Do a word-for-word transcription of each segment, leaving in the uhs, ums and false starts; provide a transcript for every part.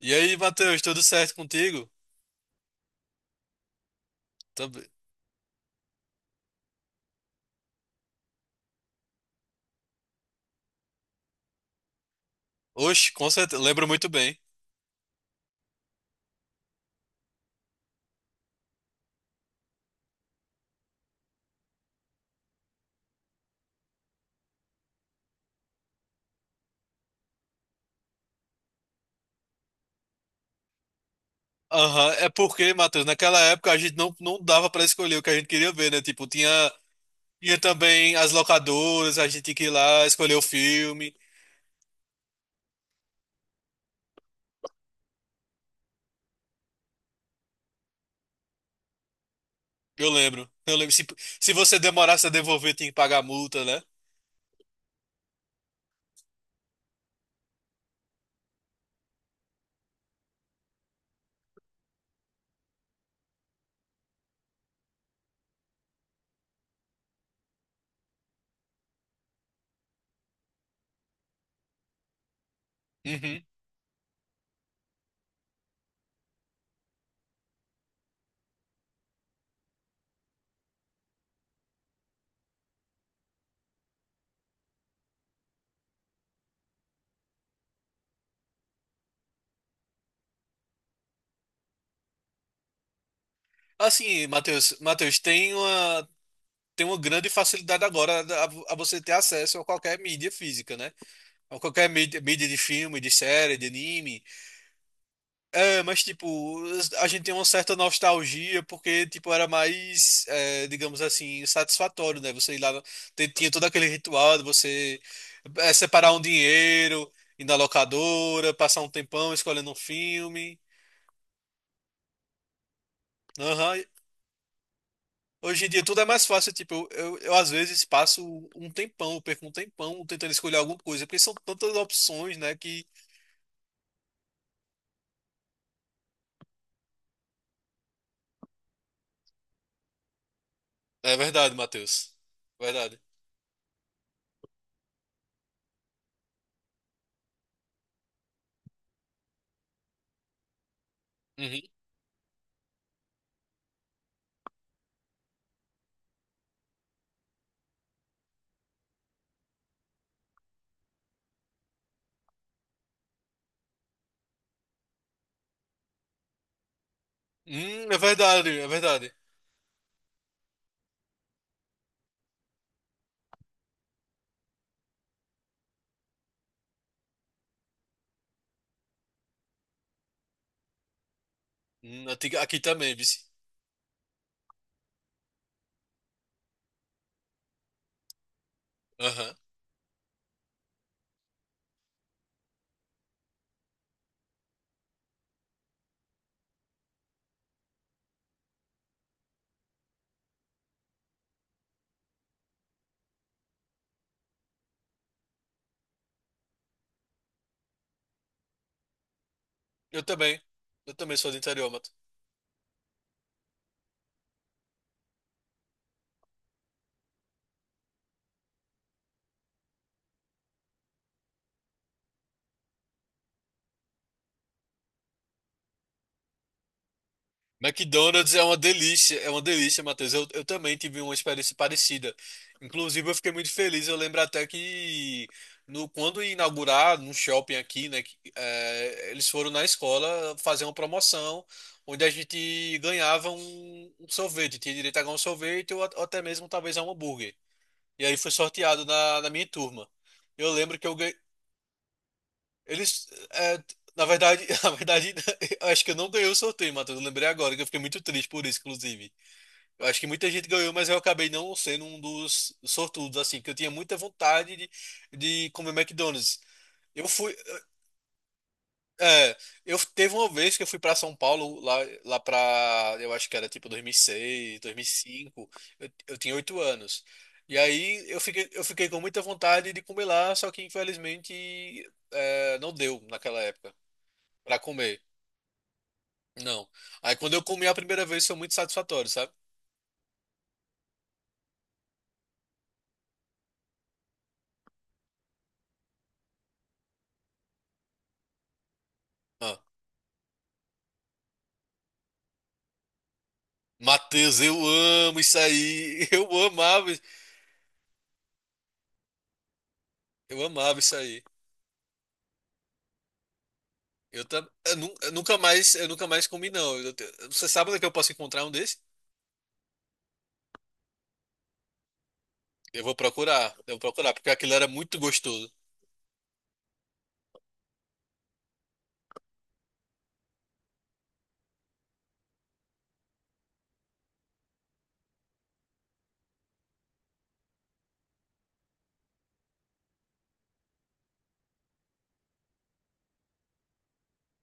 E aí, Matheus, tudo certo contigo? Também. Oxe, com certeza, lembro muito bem. Aham, é porque, Matheus, naquela época a gente não, não dava pra escolher o que a gente queria ver, né? Tipo, tinha, tinha também as locadoras, a gente tinha que ir lá escolher o filme. Eu lembro, eu lembro. Se, se você demorasse a devolver, tinha que pagar a multa, né? Uhum. Assim, Matheus, Matheus, tem uma, tem uma grande facilidade agora a, a você ter acesso a qualquer mídia física, né? A qualquer mídia, mídia de filme, de série, de anime. É, mas tipo, a gente tem uma certa nostalgia porque tipo era mais, é, digamos assim, satisfatório, né? Você ir lá, te- tinha todo aquele ritual de você é, separar um dinheiro, ir na locadora, passar um tempão escolhendo um filme. Aham. Hoje em dia tudo é mais fácil, tipo, eu, eu, eu, às vezes passo um tempão, eu perco um tempão tentando escolher alguma coisa, porque são tantas opções, né, que... É verdade, Matheus. Verdade. Uhum. Hum, é verdade, é verdade. Hum, antiga- aqui também, viu? Aham. Eu também. Eu também sou do interior, Matheus. McDonald's é uma delícia, é uma delícia, Matheus. Eu, eu também tive uma experiência parecida. Inclusive, eu fiquei muito feliz. Eu lembro até que no, quando ia inaugurar no shopping aqui, né, que, eh, eles foram na escola fazer uma promoção onde a gente ganhava um, um sorvete, tinha direito a ganhar um sorvete ou, a- ou até mesmo talvez a um hambúrguer. E aí foi sorteado na, na minha turma. Eu lembro que eu, ganhei. Eles. é, Na verdade, na verdade, eu acho que eu não ganhei o sorteio, Matheus. Eu lembrei agora, que eu fiquei muito triste por isso, inclusive. Eu acho que muita gente ganhou, mas eu acabei não sendo um dos sortudos, assim, que eu tinha muita vontade de, de comer McDonald's. Eu fui. É, eu teve uma vez que eu fui pra São Paulo, lá, lá pra. Eu acho que era tipo dois mil e seis, cinco. Eu, eu tinha oito anos. E aí eu fiquei, eu fiquei com muita vontade de comer lá, só que infelizmente é, não deu naquela época. Pra comer. Não. Aí quando eu comi a primeira vez foi muito satisfatório, sabe? Ah, Matheus, eu amo isso aí. Eu amava, eu amava isso aí. Eu, tam, eu, nu- eu nunca mais, eu nunca mais comi não. Eu te- você sabe onde é que eu posso encontrar um desse? Eu vou procurar, eu vou procurar, porque aquilo era muito gostoso.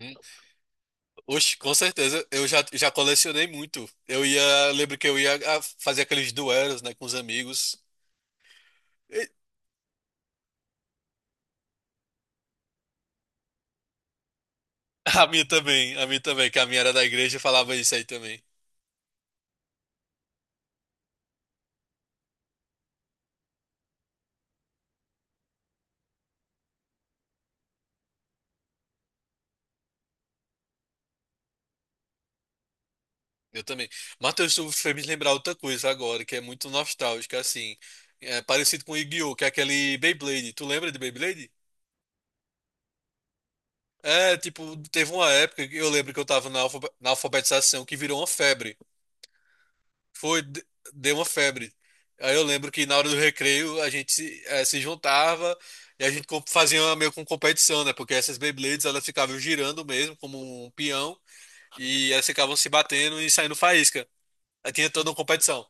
Hum. Oxe, com certeza, eu já, já colecionei muito. Eu ia, lembro que eu ia ah, fazer aqueles duelos, né, com os amigos. E- A minha também, a minha também, que a minha era da igreja e falava isso aí também. Eu também. Matheus, tu fez me lembrar outra coisa agora, que é muito nostálgica, assim. É parecido com Yu-Gi-Oh!, que é aquele Beyblade. Tu lembra de Beyblade? É, tipo, teve uma época que eu lembro que eu tava na, alfa- na alfabetização que virou uma febre. Foi, de- deu uma febre. Aí eu lembro que na hora do recreio a gente se, eh, se juntava e a gente com- fazia uma meio com competição, né? Porque essas Beyblades elas ficavam girando mesmo, como um peão, e elas ficavam se batendo e saindo faísca. Aí tinha toda uma competição.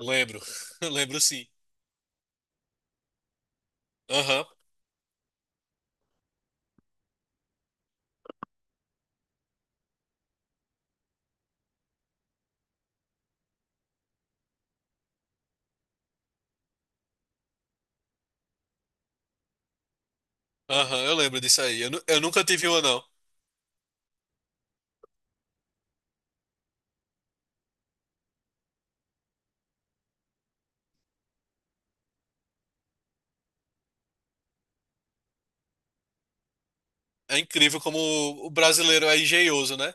Lembro, lembro sim. Aham, aham, eu lembro disso aí. Eu, nu- eu nunca tive uma, não. É incrível como o o brasileiro é engenhoso, né?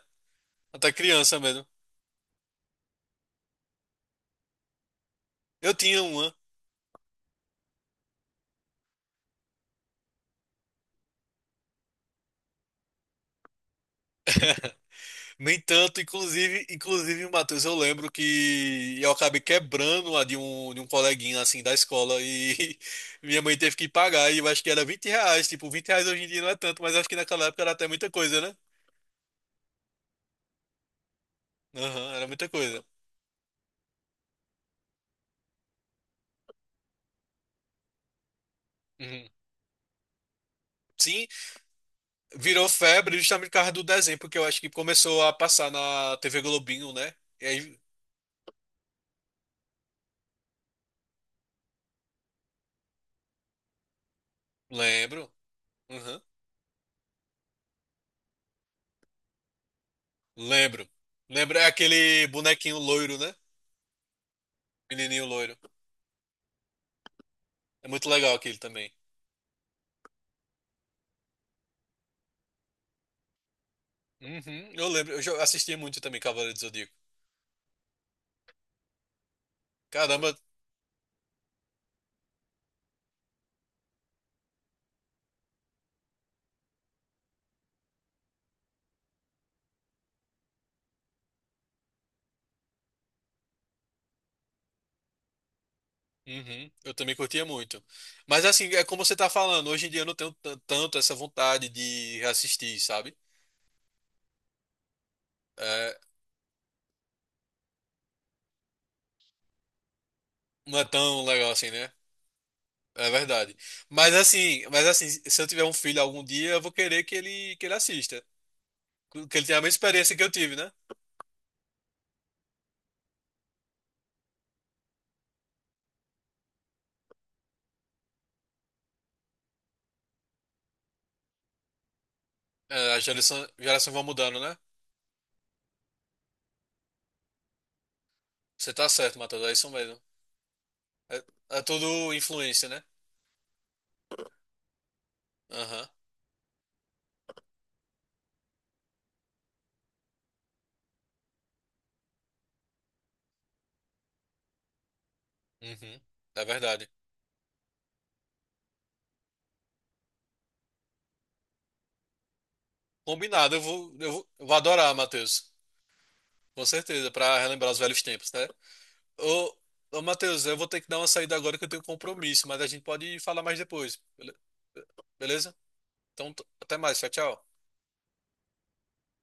Até criança mesmo. Eu tinha uma. Nem tanto, inclusive, inclusive, Matheus, eu lembro que eu acabei quebrando a de um, de um coleguinha, assim, da escola e minha mãe teve que pagar e eu acho que era vinte reais. Tipo, vinte reais hoje em dia não é tanto, mas acho que naquela época era até muita coisa, né? Aham, era muita coisa. Uhum. Sim, virou febre justamente por causa do desenho, porque eu acho que começou a passar na T V Globinho, né? E aí lembro. Uhum. Lembro. Lembro, é aquele bonequinho loiro, né? Menininho loiro. É muito legal aquele também. Uhum. Eu lembro, eu jo- assistia muito também Cavaleiro do Zodíaco. Caramba, uhum. Eu também curtia muito. Mas assim, é como você tá falando, hoje em dia eu não tenho tan- tanto essa vontade de assistir, sabe? É, não é tão legal assim, né? É verdade. Mas assim, mas assim, se eu tiver um filho algum dia, eu vou querer que ele que ele assista, que ele tenha a mesma experiência que eu tive, né? É, As gerações geração vai mudando, né? Você tá certo, Matheus, é isso mesmo. É, é tudo influência, né? Aham. Uhum. É verdade. Combinado, eu vou, eu vou, eu vou adorar, Matheus. Com certeza, pra relembrar os velhos tempos, né? Ô, ô, Matheus, eu vou ter que dar uma saída agora que eu tenho um compromisso, mas a gente pode falar mais depois, bele- beleza? Então, t- até mais, tchau, tchau.